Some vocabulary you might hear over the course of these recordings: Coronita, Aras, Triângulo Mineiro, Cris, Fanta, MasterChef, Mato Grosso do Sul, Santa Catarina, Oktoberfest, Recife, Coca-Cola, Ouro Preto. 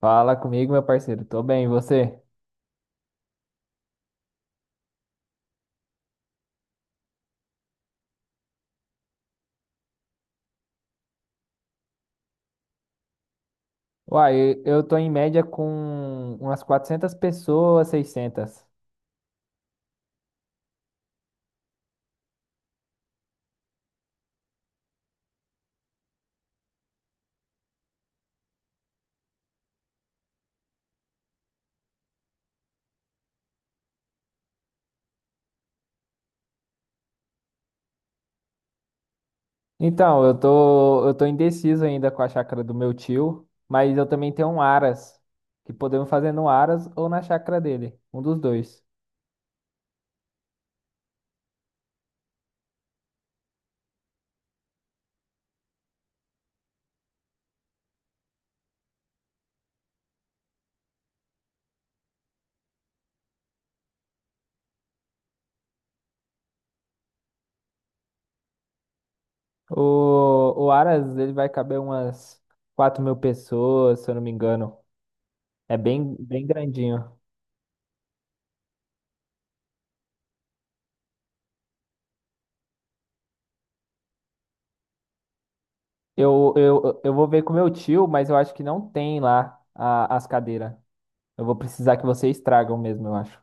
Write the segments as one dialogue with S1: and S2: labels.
S1: Fala comigo, meu parceiro. Tô bem, e você? Uai, eu tô em média com umas 400 pessoas, 600. Então, eu tô indeciso ainda com a chácara do meu tio, mas eu também tenho um Aras, que podemos fazer no Aras ou na chácara dele, um dos dois. O Aras, ele vai caber umas 4 mil pessoas, se eu não me engano. É bem, bem grandinho. Eu vou ver com meu tio, mas eu acho que não tem lá as cadeiras. Eu vou precisar que vocês tragam mesmo, eu acho.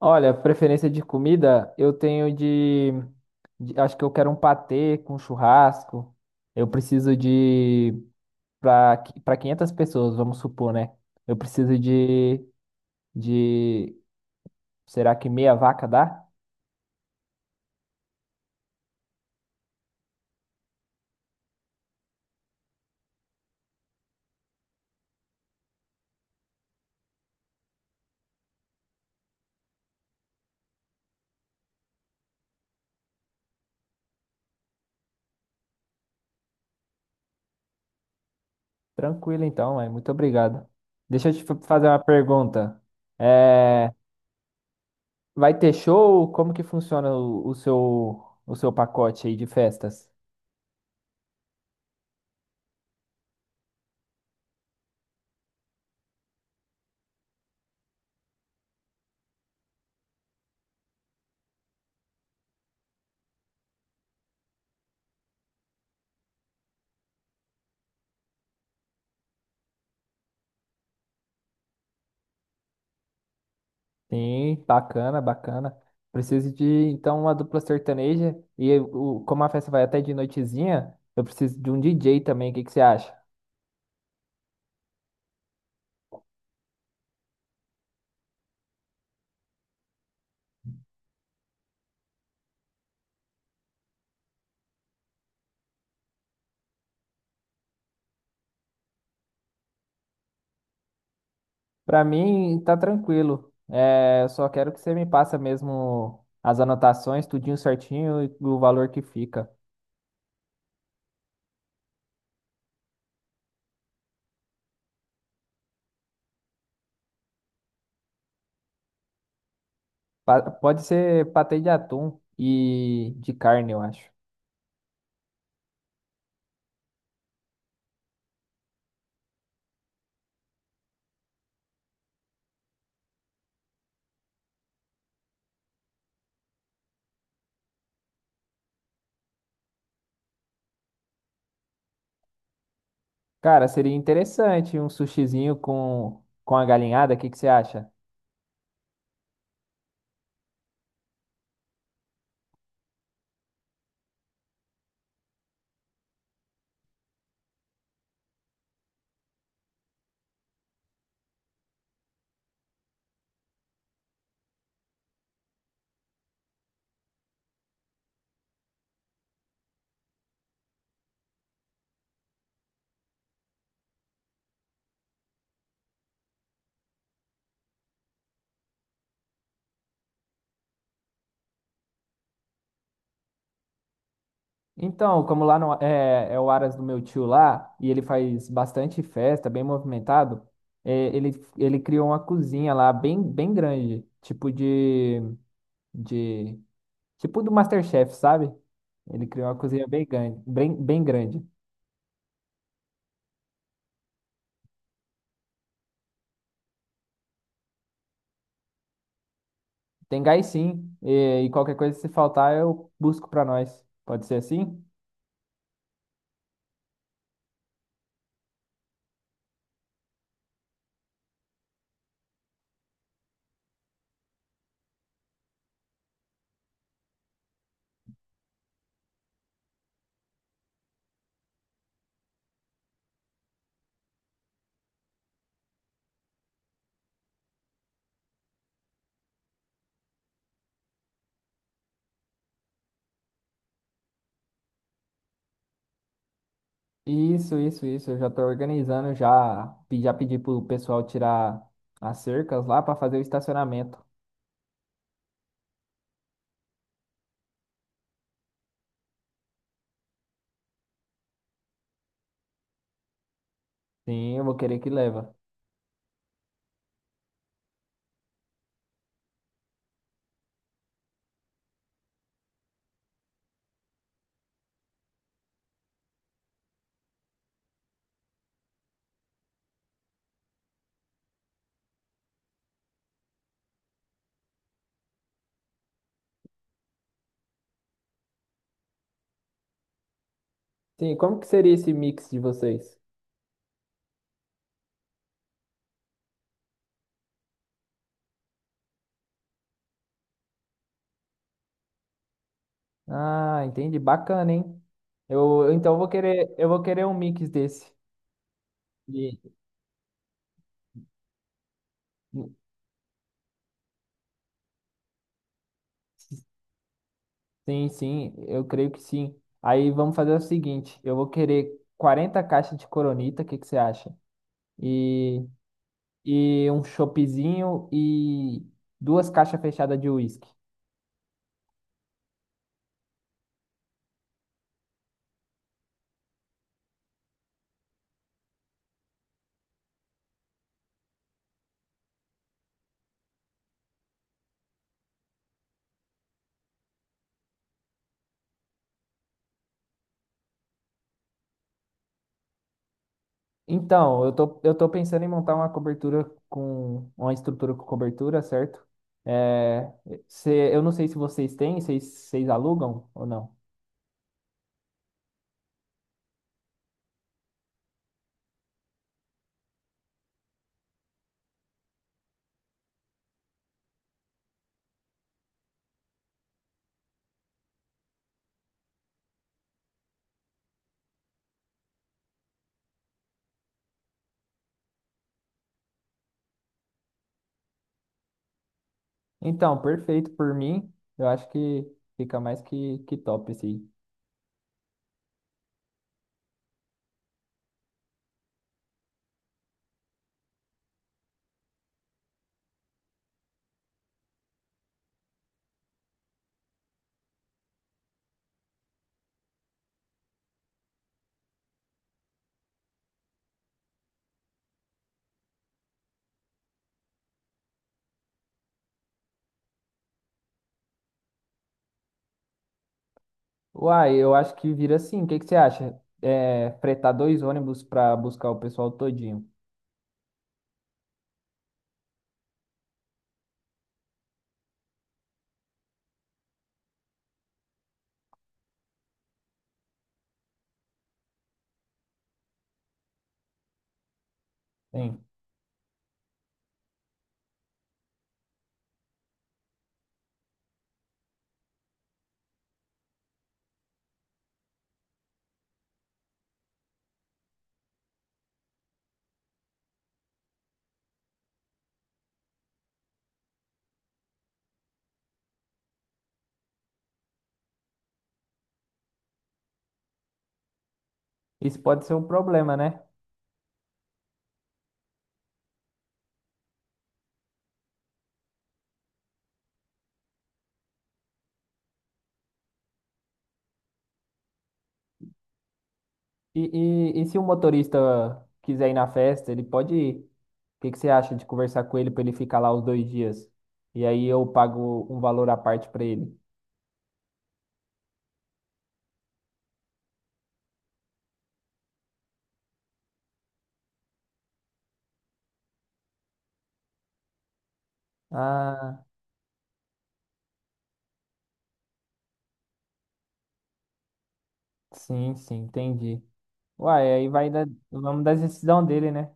S1: Olha, preferência de comida, eu tenho acho que eu quero um patê com churrasco. Eu preciso de para 500 pessoas, vamos supor, né? Eu preciso de, será que meia vaca dá? Tranquilo então, mãe. Muito obrigado. Deixa eu te fazer uma pergunta. É, vai ter show? Como que funciona o seu pacote aí de festas? Sim, bacana, bacana. Preciso de, então, uma dupla sertaneja. E o, como a festa vai até de noitezinha, eu preciso de um DJ também. O que que você acha? Pra mim, tá tranquilo. É, eu só quero que você me passa mesmo as anotações, tudinho certinho e o valor que fica. Pode ser patê de atum e de carne, eu acho. Cara, seria interessante um sushizinho com a galinhada. O que que você acha? Então, como lá no, é, é o Aras do meu tio lá, e ele faz bastante festa, bem movimentado, é, ele criou uma cozinha lá bem, bem grande, tipo de, tipo do MasterChef, sabe? Ele criou uma cozinha bem grande, bem, bem grande. Tem gás sim, e qualquer coisa se faltar eu busco pra nós. Pode ser assim? Isso, isso, isso. Eu já tô organizando, já, já pedi pro pessoal tirar as cercas lá pra fazer o estacionamento. Sim, eu vou querer que leva. Sim, como que seria esse mix de vocês? Ah, entendi. Bacana, hein? Eu, eu vou querer um mix desse. E- Sim, sim, eu creio que sim. Aí vamos fazer o seguinte, eu vou querer 40 caixas de Coronita, o que que você acha? E, e um choppzinho e 2 caixas fechadas de uísque. Então, eu tô pensando em montar uma cobertura com uma estrutura com cobertura, certo? É, se, eu não sei se vocês têm, vocês alugam ou não. Então, perfeito por mim. Eu acho que fica mais que top esse aí. Uai, eu acho que vira assim. O que, que você acha? É, fretar 2 ônibus para buscar o pessoal todinho. Sim. Isso pode ser um problema, né? E se o motorista quiser ir na festa, ele pode ir. O que que você acha de conversar com ele para ele ficar lá os 2 dias? E aí eu pago um valor à parte para ele. Ah, sim, sim, entendi. Uai, aí vai da, vamos da decisão dele, né?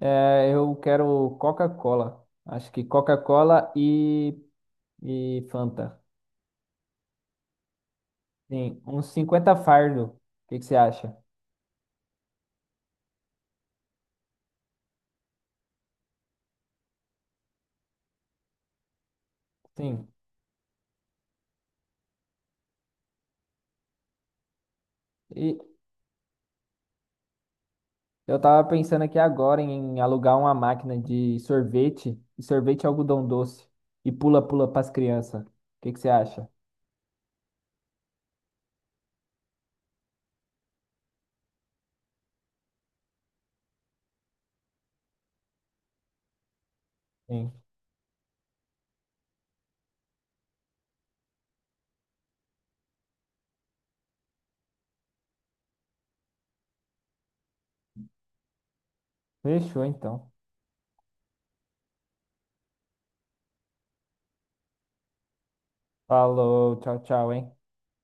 S1: É, eu quero Coca-Cola. Acho que Coca-Cola e Fanta. Sim, uns 50 fardo. O que que você acha? Sim. E, eu tava pensando aqui agora em alugar uma máquina de sorvete, e sorvete é algodão doce, e pula-pula pras crianças. O que que você acha? Sim. Fechou então. Falou, tchau, tchau, hein?